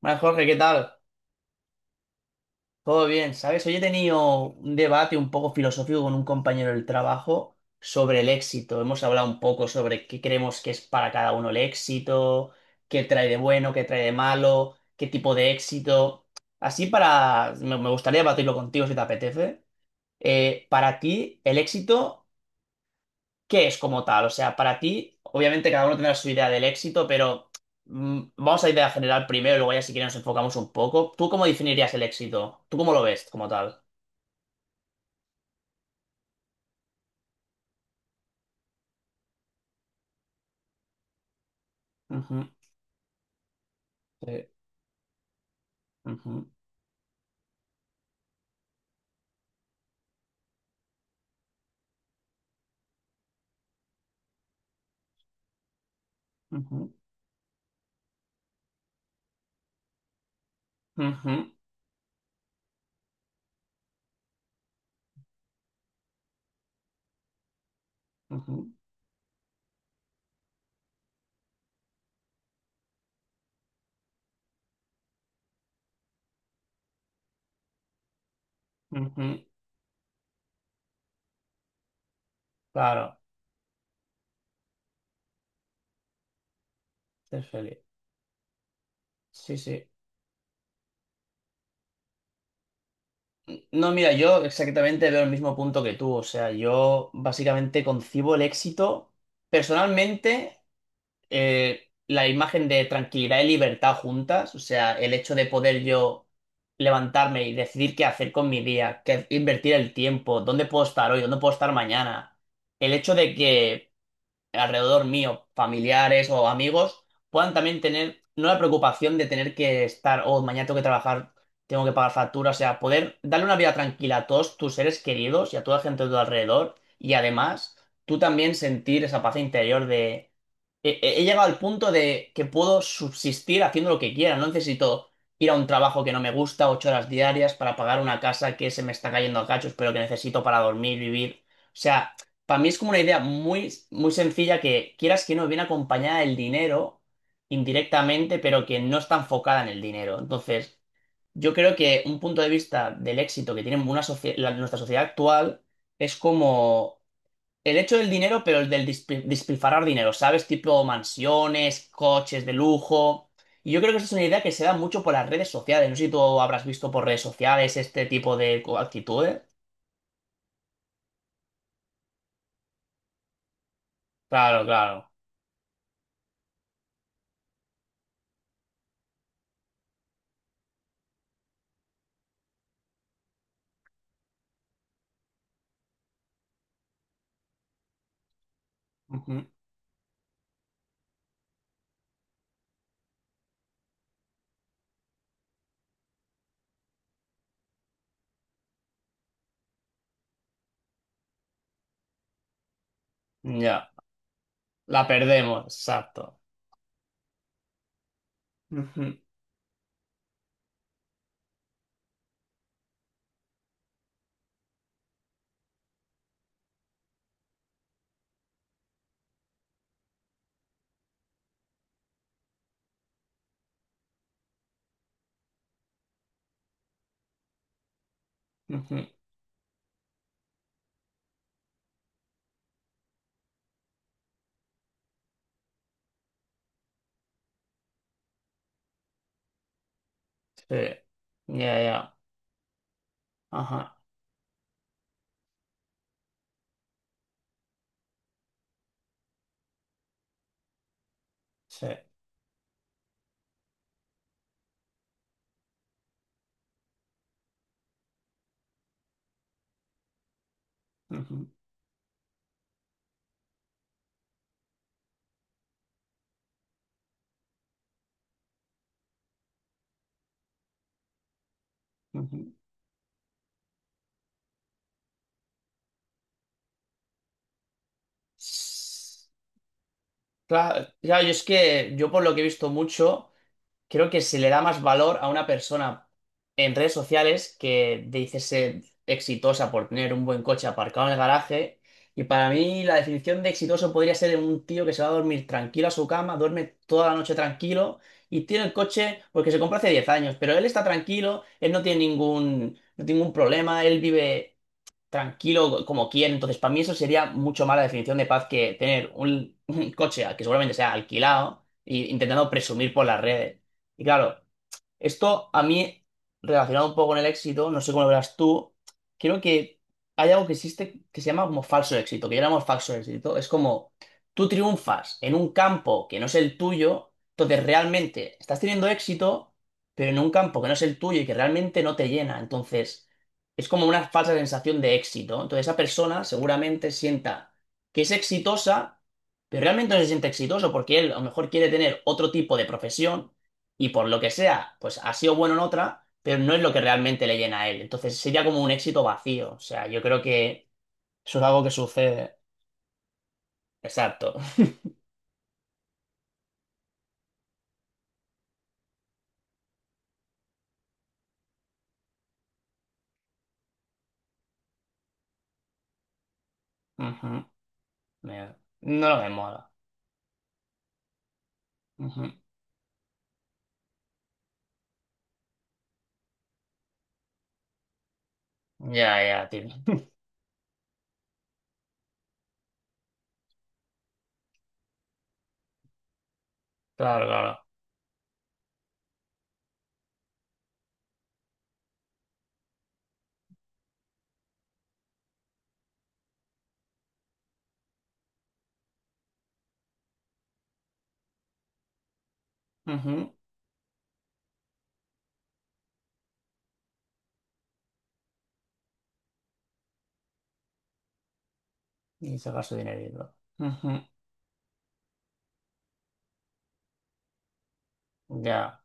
Bueno, Jorge, ¿qué tal? Todo bien, ¿sabes? Hoy he tenido un debate un poco filosófico con un compañero del trabajo sobre el éxito. Hemos hablado un poco sobre qué creemos que es para cada uno el éxito, qué trae de bueno, qué trae de malo, qué tipo de éxito. Así para... Me gustaría debatirlo contigo si te apetece. Para ti, el éxito... ¿Qué es como tal? O sea, para ti, obviamente cada uno tendrá su idea del éxito, pero vamos a idea general primero y luego ya si quieres nos enfocamos un poco. ¿Tú cómo definirías el éxito? ¿Tú cómo lo ves como tal? Ujú, sí, ujú, ujú, ujú, ujú, ujú. Claro, ser feliz. Sí, sí. No, mira, yo exactamente veo el mismo punto que tú. O sea, yo básicamente concibo el éxito personalmente. La imagen de tranquilidad y libertad juntas, o sea, el hecho de poder yo levantarme y decidir qué hacer con mi día, qué invertir el tiempo, dónde puedo estar hoy, dónde puedo estar mañana, el hecho de que alrededor mío, familiares o amigos, puedan también tener, no la preocupación de tener que estar, oh, mañana tengo que trabajar, tengo que pagar facturas, o sea, poder darle una vida tranquila a todos tus seres queridos y a toda la gente de tu alrededor, y además tú también sentir esa paz interior de, he llegado al punto de que puedo subsistir haciendo lo que quiera, no necesito... Ir a un trabajo que no me gusta, 8 horas diarias para pagar una casa que se me está cayendo a cachos, pero que necesito para dormir, vivir. O sea, para mí es como una idea muy, muy sencilla que quieras que no viene acompañada del dinero indirectamente, pero que no está enfocada en el dinero. Entonces, yo creo que un punto de vista del éxito que tiene una nuestra sociedad actual es como el hecho del dinero, pero el del despilfarrar dinero, ¿sabes? Tipo mansiones, coches de lujo. Y yo creo que esa es una idea que se da mucho por las redes sociales. No sé si tú habrás visto por redes sociales este tipo de actitudes. Claro, claro. Ujú. Ya. La perdemos, exacto. Ujú, ujú. Sí, ya, ya. Ajá, sí. Ujú, ujú. Claro, claro, yo es que yo por lo que he visto mucho. Creo que se le da más valor a una persona en redes sociales que dice ser exitosa por tener un buen coche aparcado en el garaje. Y para mí la definición de exitoso podría ser un tío que se va a dormir tranquilo a su cama, duerme toda la noche tranquilo y tiene el coche porque se compró hace 10 años, pero él está tranquilo, él no tiene ningún, no tiene ningún problema, él vive tranquilo como quiere. Entonces, para mí eso sería mucho más la definición de paz que tener un, un coche que seguramente sea alquilado e intentando presumir por las redes. Y claro, esto a mí, relacionado un poco con el éxito, no sé cómo lo verás tú, creo que hay algo que existe que se llama como falso éxito, que llamamos falso éxito. Es como tú triunfas en un campo que no es el tuyo, entonces realmente estás teniendo éxito, pero en un campo que no es el tuyo y que realmente no te llena. Entonces es como una falsa sensación de éxito. Entonces esa persona seguramente sienta que es exitosa, pero realmente no se siente exitoso porque él a lo mejor quiere tener otro tipo de profesión y por lo que sea, pues ha sido bueno en otra, pero no es lo que realmente le llena a él. Entonces sería como un éxito vacío. O sea, yo creo que eso es algo que sucede. Exacto. Ujú. Me- No lo me mola. Ujú. Ya, ya, tío. Claro, claro. Ujú. Y sacar su dinerito. Ujú. Ya,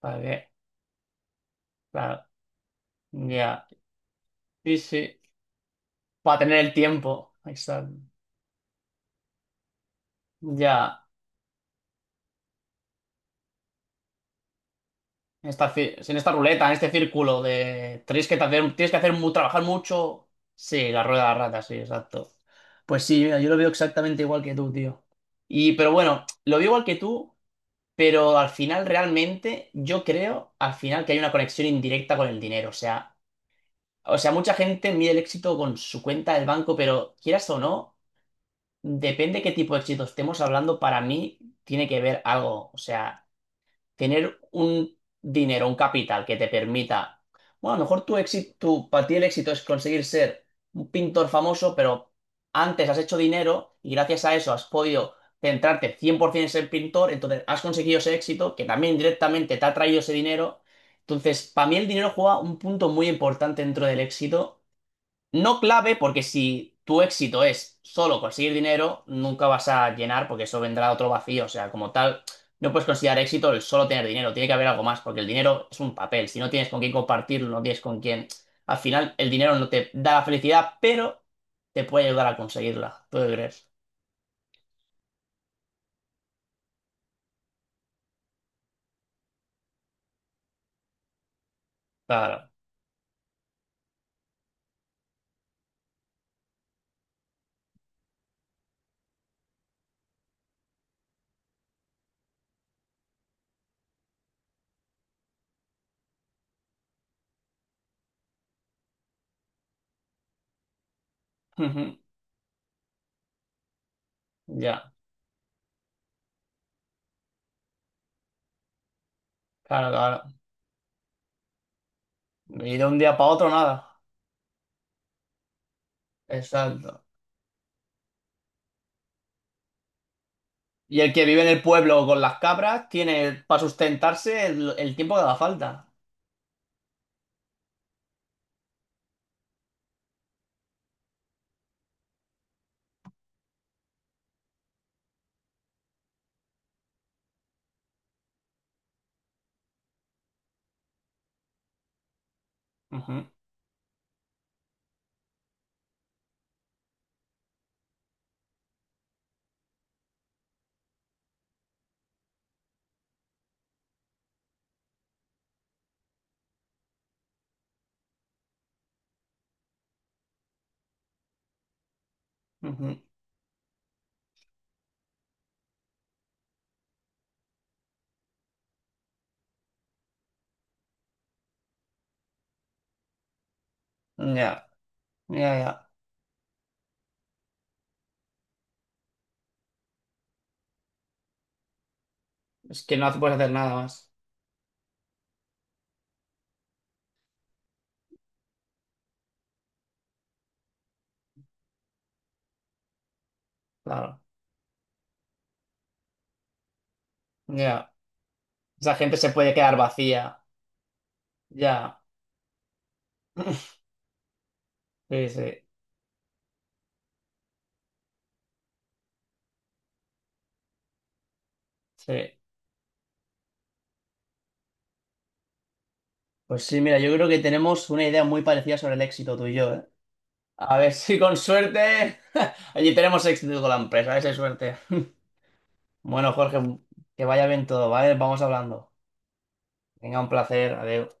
¿para qué? Claro, ya. Sí, sí. Para tener el tiempo. Exacto. Ya. En esta, en esta ruleta, en este círculo de tienes que hacer, trabajar mucho. Sí, la rueda de la rata, sí, exacto. Pues sí, mira, yo lo veo exactamente igual que tú, tío. Y, pero bueno, lo veo igual que tú, pero al final realmente yo creo al final que hay una conexión indirecta con el dinero. O sea, mucha gente mide el éxito con su cuenta del banco, pero quieras o no, depende qué tipo de éxito estemos hablando, para mí tiene que ver algo. O sea tener un dinero, un capital que te permita, bueno, a lo mejor tu éxito, tu, para ti el éxito es conseguir ser un pintor famoso, pero antes has hecho dinero y gracias a eso has podido centrarte 100% en ser pintor, entonces has conseguido ese éxito que también directamente te ha traído ese dinero. Entonces, para mí el dinero juega un punto muy importante dentro del éxito no clave, porque si tu éxito es solo conseguir dinero, nunca vas a llenar, porque eso vendrá otro vacío. O sea, como tal, no puedes considerar éxito el solo tener dinero. Tiene que haber algo más, porque el dinero es un papel. Si no tienes con quién compartirlo, no tienes con quién. Al final, el dinero no te da la felicidad, pero te puede ayudar a conseguirla. ¿Tú qué crees? Claro. Ujú. Ya, claro, claro. Y de un día para otro, nada. Exacto. Y el que vive en el pueblo con las cabras tiene para sustentarse el tiempo que haga falta. Ujú. Ya, ya, ya. Es que no hace- puedes hacer nada más. Claro, ya. Esa gente se puede quedar vacía. Ya. Sí, sí, sí. Pues sí, mira, yo creo que tenemos una idea muy parecida sobre el éxito tú y yo, ¿eh? A ver si con suerte allí tenemos éxito con la empresa, a ver si hay suerte. Bueno, Jorge, que vaya bien todo, ¿vale? Vamos hablando. Venga, un placer, adiós.